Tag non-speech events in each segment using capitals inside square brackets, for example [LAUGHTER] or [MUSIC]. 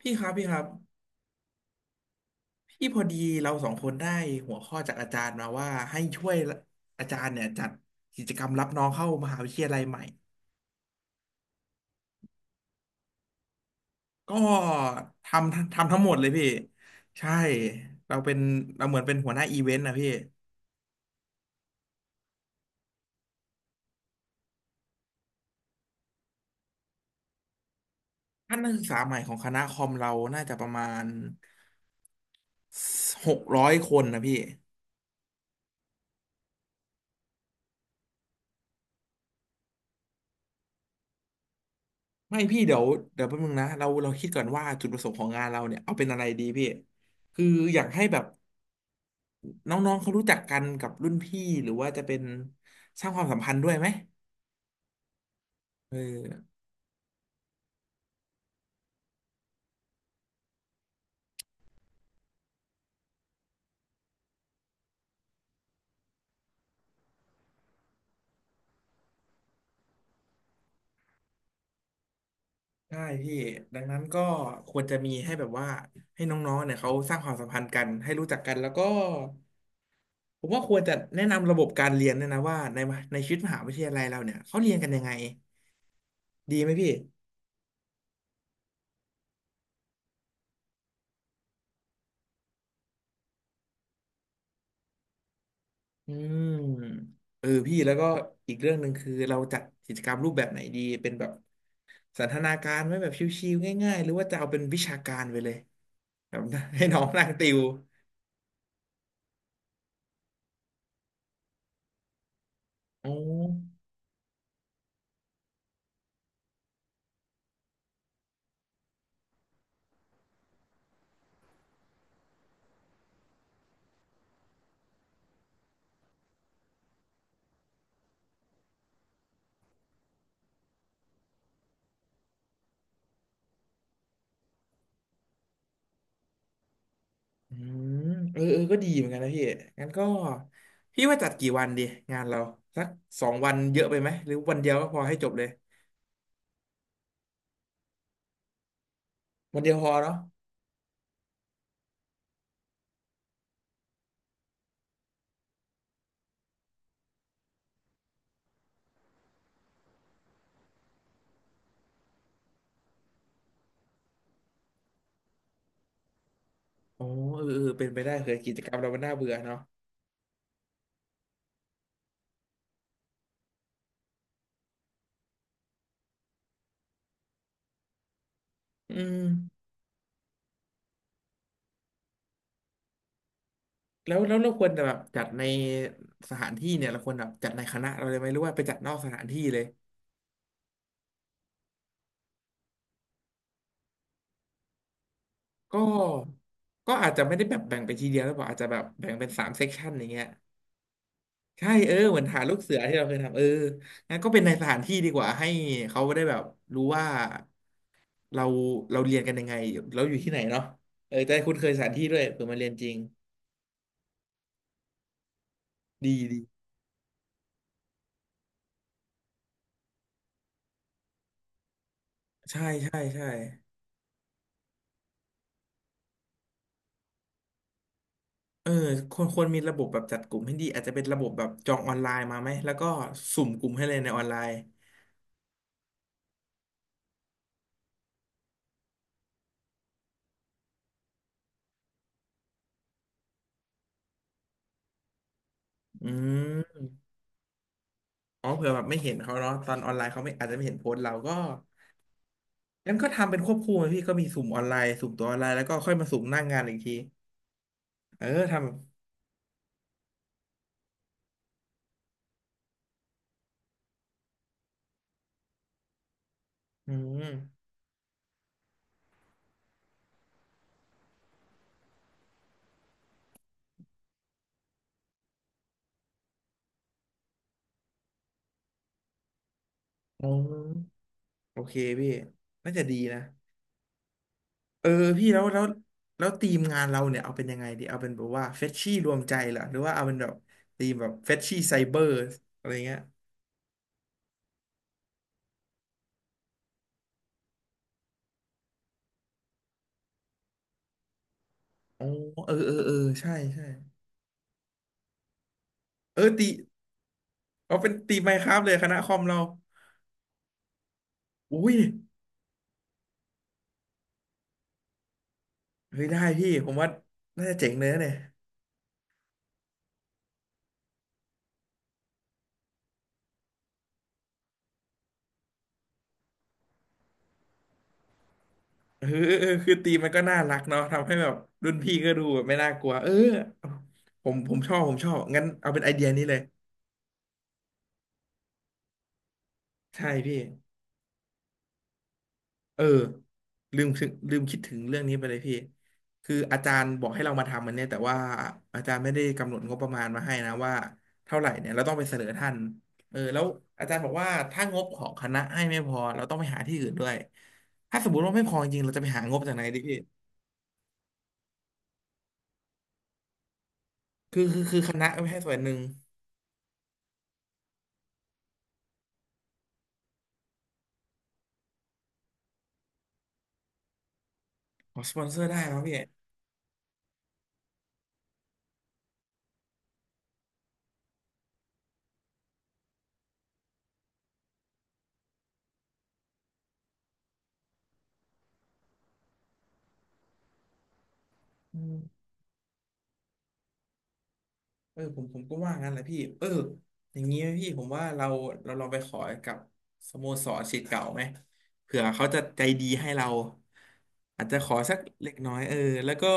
พี่ครับพี่ครับพี่พอดีเราสองคนได้หัวข้อจากอาจารย์มาว่าให้ช่วยอาจารย์เนี่ยจัดกิจกรรมรับน้องเข้ามหาวิทยาลัยใหม่ก็ททำทั้งหมดเลยพี่ใช่เราเป็นเราเหมือนเป็นหัวหน้าอีเวนต์นะพี่ท่านนักศึกษาใหม่ของคณะคอมเราน่าจะประมาณ600 คนนะพี่ไม่พี่เดี๋ยวแป๊บนึงนะเราคิดก่อนว่าจุดประสงค์ของงานเราเนี่ยเอาเป็นอะไรดีพี่คืออยากให้แบบ น้องๆเขารู้จักกันกับรุ่นพี่หรือว่าจะเป็นสร้างความสัมพันธ์ด้วยไหมเออใช่พี่ดังนั้นก็ควรจะมีให้แบบว่าให้น้องๆเนี่ยเขาสร้างความสัมพันธ์กันให้รู้จักกันแล้วก็ผมว่าควรจะแนะนำระบบการเรียนเนี่ยนะว่าในชีวิตมหาวิทยาลัยเราเนี่ยเขาเรียนกันยังไงดีไหมพี่อืมเออพี่แล้วก็อีกเรื่องหนึ่งคือเราจัดกิจกรรมรูปแบบไหนดีเป็นแบบสันทนาการไหมแบบชิวๆง่ายๆหรือว่าจะเอาเป็นวิชาการไปเลย แบบให้ [LAUGHS] น้องนั่งติวอ๋ออืมเออเออก็ดีเหมือนกันนะพี่งั้นก็พี่ว่าจัดกี่วันดีงานเราสัก2 วันเยอะไปไหมหรือวันเดียวก็พอให้จบเลยวันเดียวพอเนาะอ๋อเออเออเป็นไปได้เคยกิจกรรมเรามันน่าเบื่อเนาะอืมแล้วเราควรจะแบบจัดในสถานที่เนี่ยเราควรแบบจัดในคณะเราเลยไหมหรือว่าไปจัดนอกสถานที่เลยก็ก็อาจจะไม่ได้แบบแบ่งไปทีเดียวหรือเปล่าอาจจะแบบแบ่งเป็น3 เซกชันอย่างเงี้ย ใช่เออเหมือนหาลูกเสือที่เราเคยทำเอองั้นก็เป็นในสถานที่ดีกว่าให้เขาได้แบบรู้ว่าเราเราเรียนกันยังไงเราอยู่ที่ไหนเนาะเออจะได้คุ้นเคยสถานที่ด้วยเผื่อมาเรียนจริงดีดีใช่ใช่ใช่เออควรมีระบบแบบจัดกลุ่มให้ดีอาจจะเป็นระบบแบบจองออนไลน์มาไหมแล้วก็สุ่มกลุ่มให้เลยในออนไลน์อืมอ๋อเผื่อแบบไม่เห็นเขาเนาะตอนออนไลน์เขาไม่อาจจะไม่เห็นโพสต์เราก็งั้นก็ทำเป็นควบคู่ไปพี่ก็มีสุ่มออนไลน์สุ่มตัวออนไลน์แล้วก็ค่อยมาสุ่มหน้างานอีกทีเออทำ อืมอ๋อโอเคพี่น่าจะดีนะเออพี่แล้วทีมงานเราเนี่ยเอาเป็นยังไงดีเอาเป็นแบบว่าเฟชชี่รวมใจเหรอหรือว่าเอาเป็นแบบทีมแบบเฟชชี่ไซเบอร์อะไรเงี้ยอ๋อเออเออเออใช่ใช่ เออตีเอาเป็นตีมไมน์คราฟเลยคณะคอมเรา อุ้ยเฮ้ยได้พี่ผมว่าน่าจะเจ๋งเลยนะเนี่ยเออเออเออคือตีมมันก็น่ารักเนาะทำให้แบบรุ่นพี่ก็ดูแบบไม่น่ากลัวเออผมชอบผมชอบงั้นเอาเป็นไอเดียนี้เลยใช่พี่ เออลืมคิดถึงเรื่องนี้ไปเลยพี่คืออาจารย์บอกให้เรามาทำมันเนี่ยแต่ว่าอาจารย์ไม่ได้กำหนดงบประมาณมาให้นะว่าเท่าไหร่เนี่ยเราต้องไปเสนอท่านเออแล้วอาจารย์บอกว่าถ้างบของคณะให้ไม่พอเราต้องไปหาที่อื่นด้วยถ้าสมมติว่าไม่พอจริงเราจะไปหางบจากไหนดิพี่คือคณะไม่ให้ส่วนหนึ่งขอสปอนเซอร์ได้ครับพี่ เออผมก็ว่างั้นแหละพี่เอออย่างนี้ไหมพี่ผมว่าเราลองไปขอกับสโมสรศิษย์เก่าไหมเผื่อเขาจะใจดีให้เราอาจจะขอสักเล็กน้อยเออแล้วก็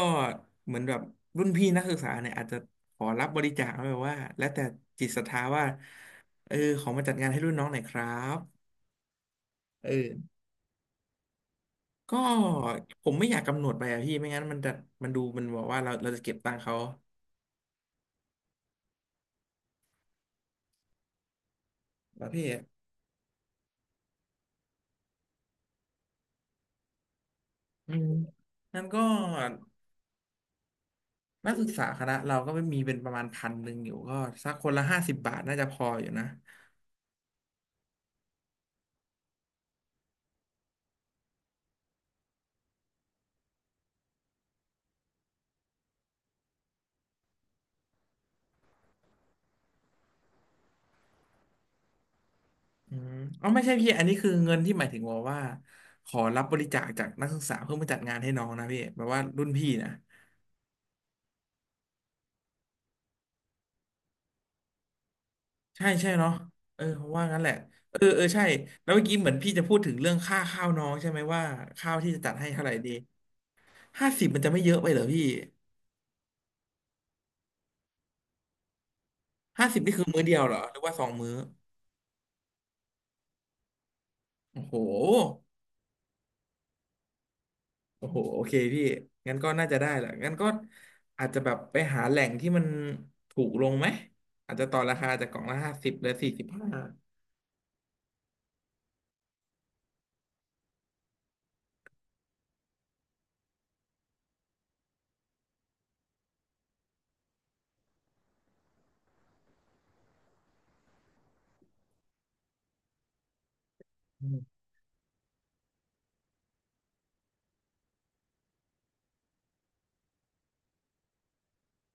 เหมือนแบบรุ่นพี่นักศึกษาเนี่ยอาจจะขอรับบริจาคไว้แบบว่าแล้วแต่จิตศรัทธาว่าเออขอมาจัดงานให้รุ่นน้องหน่อยครับเออก็ผมไม่อยากกำหนดไปอะพี่ไม่งั้นมันจะมันดูมันบอกว่าเราจะเก็บตังค์เขาแล้พี่อืมงั้นก็ นักศึกษาคณะเราก็ไม่มีเป็นประมาณพันหนึ่งอยู่ก็สักคนละ50 บาทน่าจะพออยู่นะอืมอ๋อไม่ใช่พี่อันนี้คือเงินที่หมายถึงว่าขอรับบริจาคจากนักศึกษาเพื่อมาจัดงานให้น้องนะพี่แบบว่ารุ่นพี่นะใช่ใช่เนาะเออผมว่างั้นแหละเออเออใช่แล้วเมื่อกี้เหมือนพี่จะพูดถึงเรื่องค่าข้าวน้องใช่ไหมว่าข้าวที่จะจัดให้เท่าไหร่ดีห้าสิบมันจะไม่เยอะไปเหรอพี่ห้าสิบนี่คือมื้อเดียวเหรอหรือว่า2 มื้อโอ้โห โอ้โหโอเคพี่ งั้นก็น่าจะได้แหละงั้นก็อาจจะแบบไปหาแหล่งที่มันถูกลงไหม อาจจะต่อราคาจากกล่องละห้าสิบหรือ45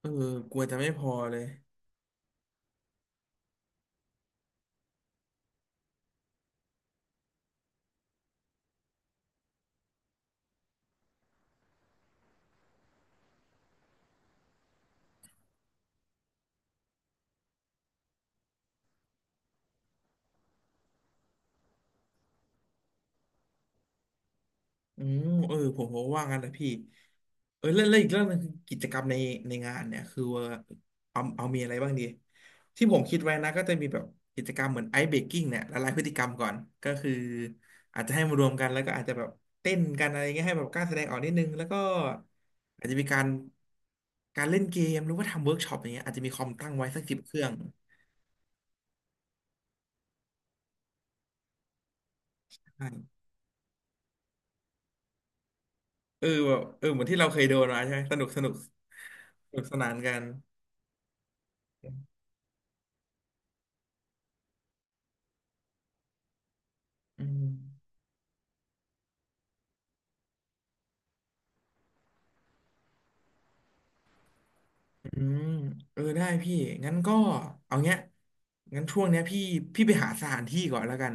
เออกลัวจะไม่พอเลย อืมเออผมว่างั้นนะพี่เออเรื่องอีกเรื่องหนึงคือกิจกรรมในในงานเนี่ยคือว่าเอามีอะไรบ้างดีที่ผมคิดไว้นะก็จะมีแบบกิจกรรมเหมือนไอซ์เบรกกิ้งเนี่ยละลายพฤติกรรมก่อนก็คืออาจจะให้มารวมกันแล้วก็อาจจะแบบเต้นกันอะไรเงี้ยให้แบบกล้าแสดงออกนิดนึงแล้วก็อาจจะมีการเล่นเกมหรือว่าทำเวิร์กช็อปอย่างเงี้ยอาจจะมีคอมตั้งไว้สัก10 เครื่องใช่เออแบบเออเหมือนที่เราเคยโดนมาใช่ไหมสนุกสนานกันอืม อืมเออได้พี่งั้นก็เอาเงี้ยงั้นช่วงเนี้ยพี่ไปหาสถานที่ก่อนแล้วกัน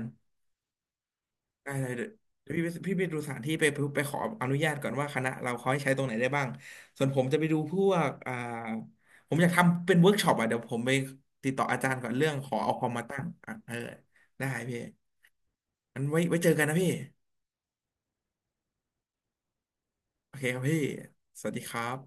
ได้เลยเดี๋ยวพี่ไปพี่ไปดูสถานที่ไปขออนุญาตก่อนว่าคณะเราเขาให้ใช้ตรงไหนได้บ้างส่วนผมจะไปดูพวกอ่าผมอยากทำเป็นเวิร์กช็อปอ่ะเดี๋ยวผมไปติดต่ออาจารย์ก่อนเรื่องขอเอาคอมมาตั้งอ่ะเออได้พี่งั้นไว้เจอกันนะพี่โอเคครับพี่สวัสดีครับ